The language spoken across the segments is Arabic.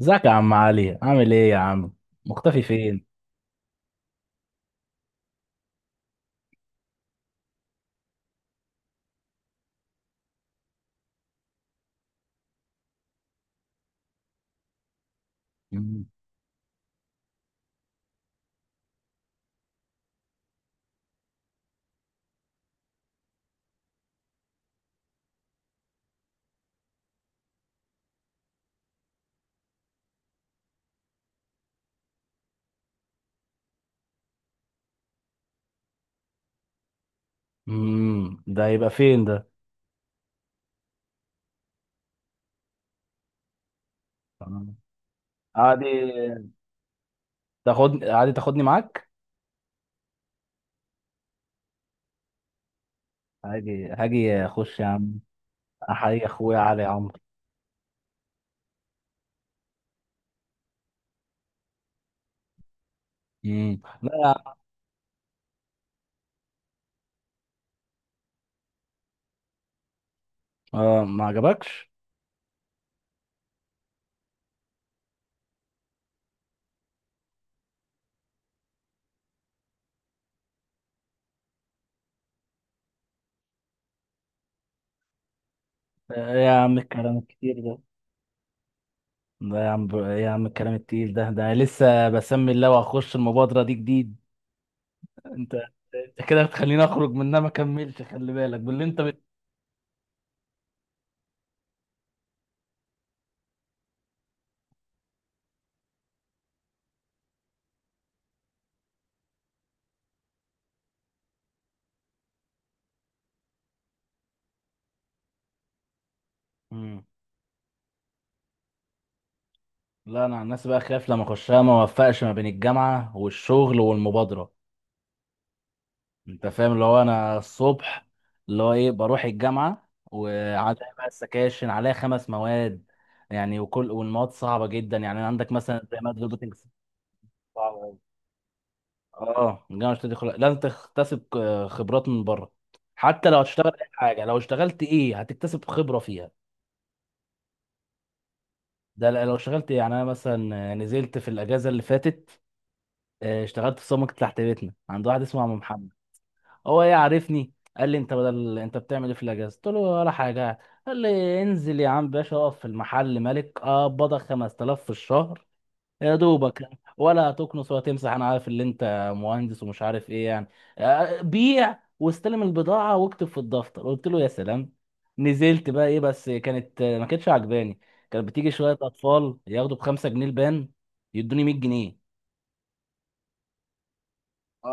ازيك يا عم علي؟ عامل ايه يا عم؟ مختفي فين؟ مم. مم. ده هيبقى فين ده؟ تمام. عادي، تاخدني عادي، تاخدني معاك. هاجي هاجي اخش يا عم. احيي اخويا علي عمرو. مم. لا يا عم. آه، ما عجبكش؟ يا عم الكلام الكتير ده، يا عم الكلام التقيل ده، ده لسه بسمي الله واخش المبادرة دي جديد. انت انت كده بتخليني اخرج منها ما كملش. خلي بالك باللي انت. مم. لا، انا عن نفسي بقى خايف لما اخشها ما اوفقش ما بين الجامعه والشغل والمبادره. انت فاهم؟ اللي هو انا الصبح اللي هو ايه، بروح الجامعه وعليها بقى السكاشن، عليها خمس مواد يعني. وكل والمواد صعبه جدا يعني، عندك مثلا زي ماده الروبوتكس صعبه أوي. اه، الجامعه مش تدخل، لازم تكتسب خبرات من بره. حتى لو هتشتغل اي حاجه، لو اشتغلت ايه هتكتسب خبره فيها. ده لا- لو اشتغلت إيه؟ يعني انا مثلا نزلت في الاجازه اللي فاتت. اشتغلت في سمك تحت بيتنا عند واحد اسمه عم محمد. هو ايه، عارفني، قال لي انت بدل، انت بتعمل ايه في الاجازه؟ قلت له ولا حاجه. قال لي انزل يا عم باشا اقف في المحل ملك، اقبضك 5000 في الشهر. يا دوبك، ولا هتكنس ولا تمسح، انا عارف ان انت مهندس ومش عارف ايه يعني. بيع واستلم البضاعه واكتب في الدفتر. قلت له يا سلام. نزلت بقى ايه، بس كانت ما كانتش عجباني. كانت بتيجي شويه اطفال ياخدوا بخمسة جنيه البان، يدوني 100 جنيه. اه.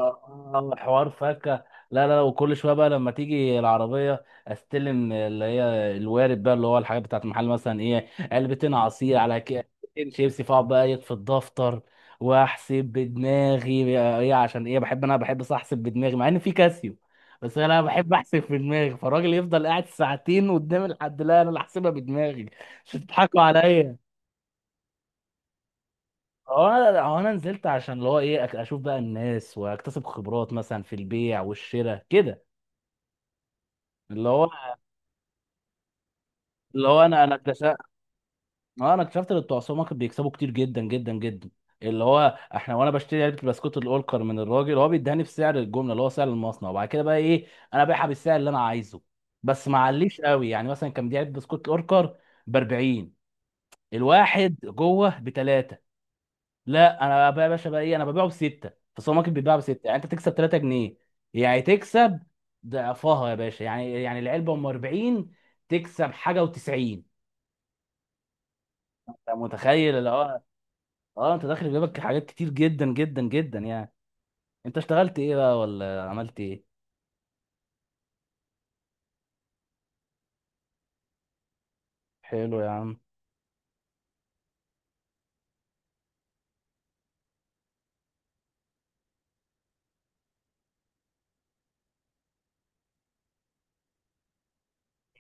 حوار فاكهة. لا لا لا، وكل شويه بقى لما تيجي العربيه استلم اللي هي الوارد بقى، اللي هو الحاجات بتاعت المحل، مثلا ايه، علبتين عصير على كيكتين شيبسي، فاقعد بقى ايه في الدفتر واحسب بدماغي. ايه عشان ايه، بحب، انا بحب صح احسب بدماغي مع ان في كاسيو، بس انا بحب احسب في دماغي. فالراجل يفضل قاعد ساعتين قدام الحد، لا انا اللي احسبها بدماغي. مش تضحكوا عليا. هو انا نزلت عشان اللي هو ايه، اشوف بقى الناس واكتسب خبرات مثلا في البيع والشراء كده. اللي هو اللي هو انا اكتشفت. انا اكتشفت ان بتوع السوبر ماركت بيكسبوا كتير جدا جدا جدا. اللي هو احنا، وانا بشتري علبه البسكوت الاولكر من الراجل، هو بيديهاني بسعر الجمله، اللي هو سعر المصنع، وبعد كده بقى ايه انا بايعها بالسعر اللي انا عايزه. بس ما عليش قوي، يعني مثلا كان بيديها علبه بسكوت الاوركر ب 40، الواحد جوه بثلاثه. لا انا بقى يا باشا بقى ايه، انا ببيعه بستة. في السوبر ماركت بيتباع بستة، يعني انت تكسب 3 جنيه. يعني تكسب ضعفها يا باشا يعني. يعني العلبه ام 40 تكسب حاجه و90. انت متخيل اللي هو؟ اه، انت داخل في جيبك حاجات كتير جدا جدا جدا يعني. انت اشتغلت ايه بقى، ولا عملت ايه؟ حلو يا عم.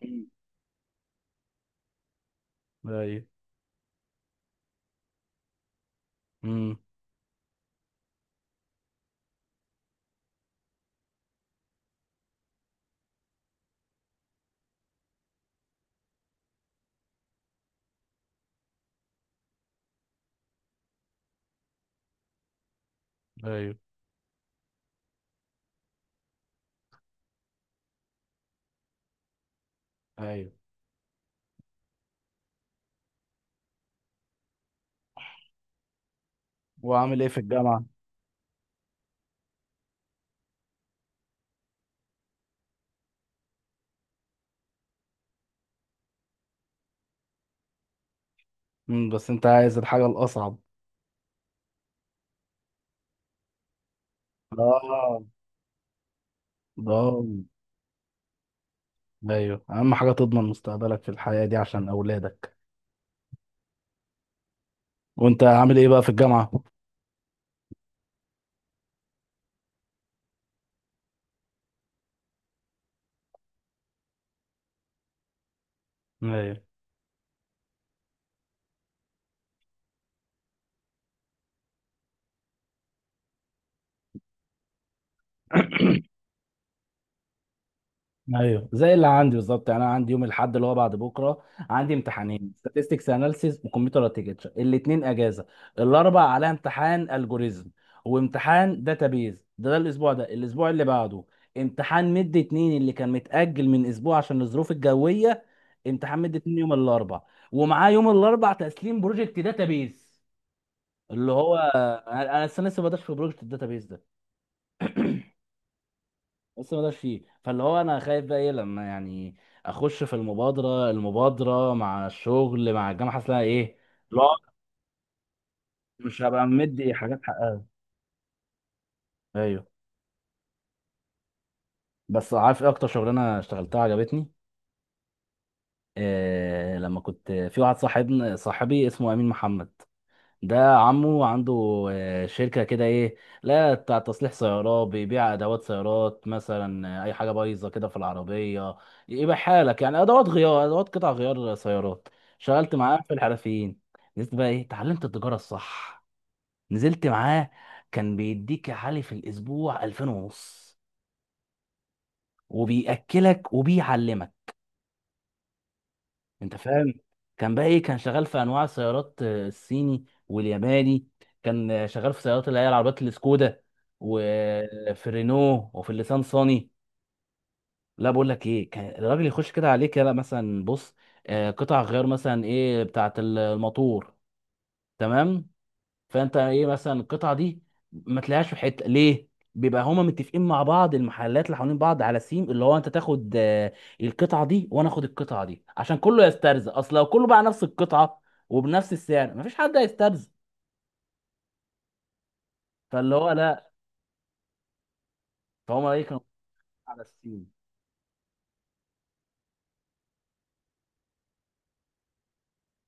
مم. ايوه. امم. ايوه. ايوه. وعامل ايه في الجامعه؟ امم، بس انت عايز الحاجه الاصعب. اه. اه. ايوه، اهم حاجه تضمن مستقبلك في الحياه دي عشان اولادك. وانت عامل ايه بقى في الجامعه؟ ايوه. ايوه، زي اللي عندي بالظبط يعني. انا عندي يوم الاحد اللي هو بعد بكره عندي امتحانين، statistics analysis وكمبيوتر architecture. الاثنين اجازه. الاربع عليها امتحان الجوريزم وامتحان داتابيز. ده الاسبوع ده، الاسبوع اللي بعده امتحان مد اتنين اللي كان متاجل من اسبوع عشان الظروف الجويه. امتحان مد اتنين يوم الاربع، ومعاه يوم الاربع تسليم بروجكت داتابيز. اللي هو انا لسه بدأت في بروجكت الداتابيز ده. بس ما ده فيه، فاللي هو انا خايف بقى ايه لما يعني اخش في المبادره مع الشغل مع الجامعه، حاسس لها ايه. لا، مش هبقى مدي حاجات حقها. ايوه. بس عارف ايه اكتر شغلانه اشتغلتها عجبتني؟ إيه، لما كنت في واحد صاحبنا، صاحبي اسمه امين محمد، ده عمه عنده شركة كده ايه، لا بتاع تصليح سيارات، بيبيع ادوات سيارات مثلا، اي حاجة بايظة كده في العربية يبقى حالك، يعني ادوات غيار، ادوات قطع غيار سيارات. شغلت معاه في الحرفيين. نزلت بقى ايه، اتعلمت التجارة الصح. نزلت معاه، كان بيديك يا علي في الاسبوع 2000 ونص، وبيأكلك وبيعلمك. انت فاهم؟ كان بقى ايه، كان شغال في انواع السيارات، الصيني والياباني. كان شغال في سيارات اللي هي العربيات السكودا وفي الرينو وفي الليسان صاني. لا، بقول لك ايه، كان الراجل يخش كده عليك، يلا مثلا بص، قطع غيار مثلا ايه بتاعت الموتور، تمام. فانت ايه مثلا القطعه دي ما تلاقيهاش في حته ليه؟ بيبقى هما متفقين مع بعض، المحلات اللي حوالين بعض على سيم، اللي هو انت تاخد القطعه دي وانا اخد القطعه دي عشان كله يسترزق. اصل لو كله باع نفس القطعه وبنفس السعر مفيش حد هيسترزق. فاللي هو لا، فهم ايه كانوا على السيم.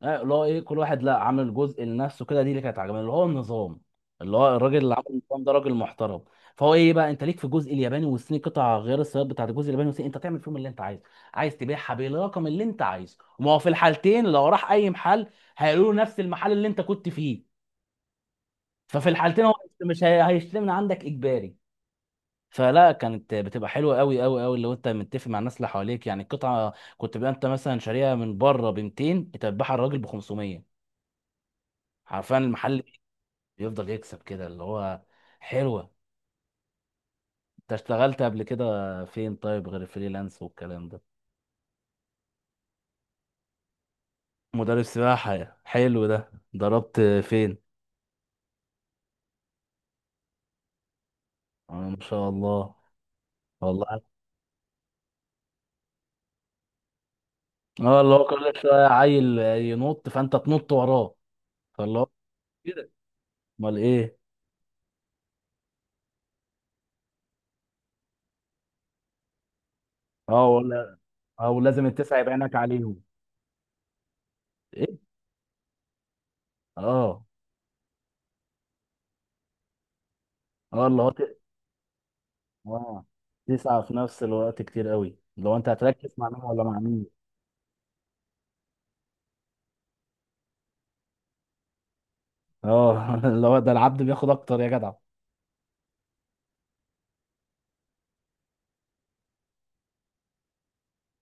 اللي هو ايه، كل واحد لا عامل جزء لنفسه كده، دي اللي كانت عجباني، اللي هو النظام، اللي هو الراجل اللي عامل النظام ده راجل محترم. فهو ايه بقى، انت ليك في الجزء الياباني والصيني، قطع غير السيارات بتاعت الجزء الياباني والصيني انت تعمل فيهم اللي انت عايزه. عايز تبيعها بالرقم اللي انت عايزه. وما هو في الحالتين لو راح اي محل هيقولوا له نفس المحل اللي انت كنت فيه. ففي الحالتين هو مش هيشتري من عندك اجباري. فلا، كانت بتبقى حلوه قوي قوي قوي لو انت متفق مع الناس اللي حواليك، يعني القطعه كنت بقى انت مثلا شاريها من بره ب 200، انت بتبيعها الراجل ب 500. عارفان المحل يفضل يكسب كده اللي هو حلوة. انت اشتغلت قبل كده فين طيب، غير فريلانس والكلام ده؟ مدرب سباحة؟ حلو، ده ضربت فين؟ ما شاء الله. والله. اه، اللي هو كل شوية عيل ينط فانت تنط وراه، فاللي هو كده. امال ايه؟ اه، ولا. اه، لازم التسعة يبقى عينك عليهم. ايه؟ اه. اه، اللي هو اه، تسعة في نفس الوقت كتير قوي، لو انت هتركز مع مين ولا مع مين. اه، اللي هو ده العبد بياخد اكتر يا جدع.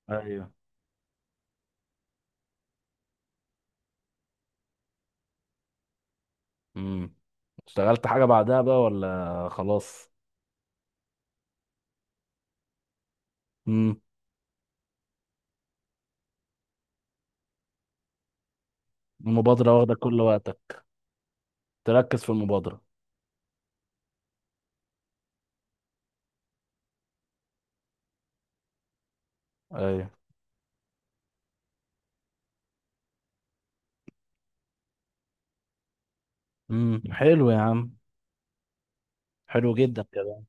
ايوه. امم. اشتغلت حاجة بعدها بقى ولا خلاص؟ امم. المبادرة واخدة كل وقتك، تركز في المبادرة. ايوه. امم، حلو يا عم. حلو جدا كده.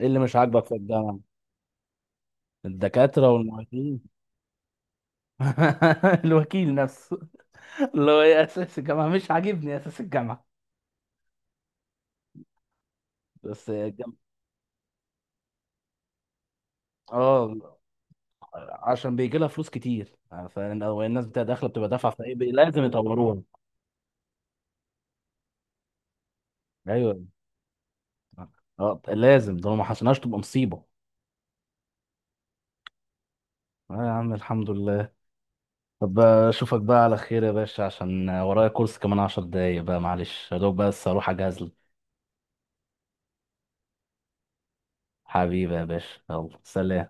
ايه اللي مش عاجبك في الجامعة؟ الدكاترة والمعيدين؟ الوكيل نفسه. اللي هو ايه، اساس الجامعه مش عاجبني، اساس الجامعه. بس الجام- اه، عشان بيجي لها فلوس كتير، فالناس بتاع داخله بتبقى دافعه، فايه لازم يطوروها. ايوه. اه، لازم، ده لو ما حسناش تبقى مصيبه. اه يا عم، الحمد لله. طب اشوفك بقى على خير يا باشا، عشان ورايا كورس كمان عشر دقايق بقى، معلش، يا دوب بس اروح اجهز لك. حبيبي يا باشا، يلا سلام.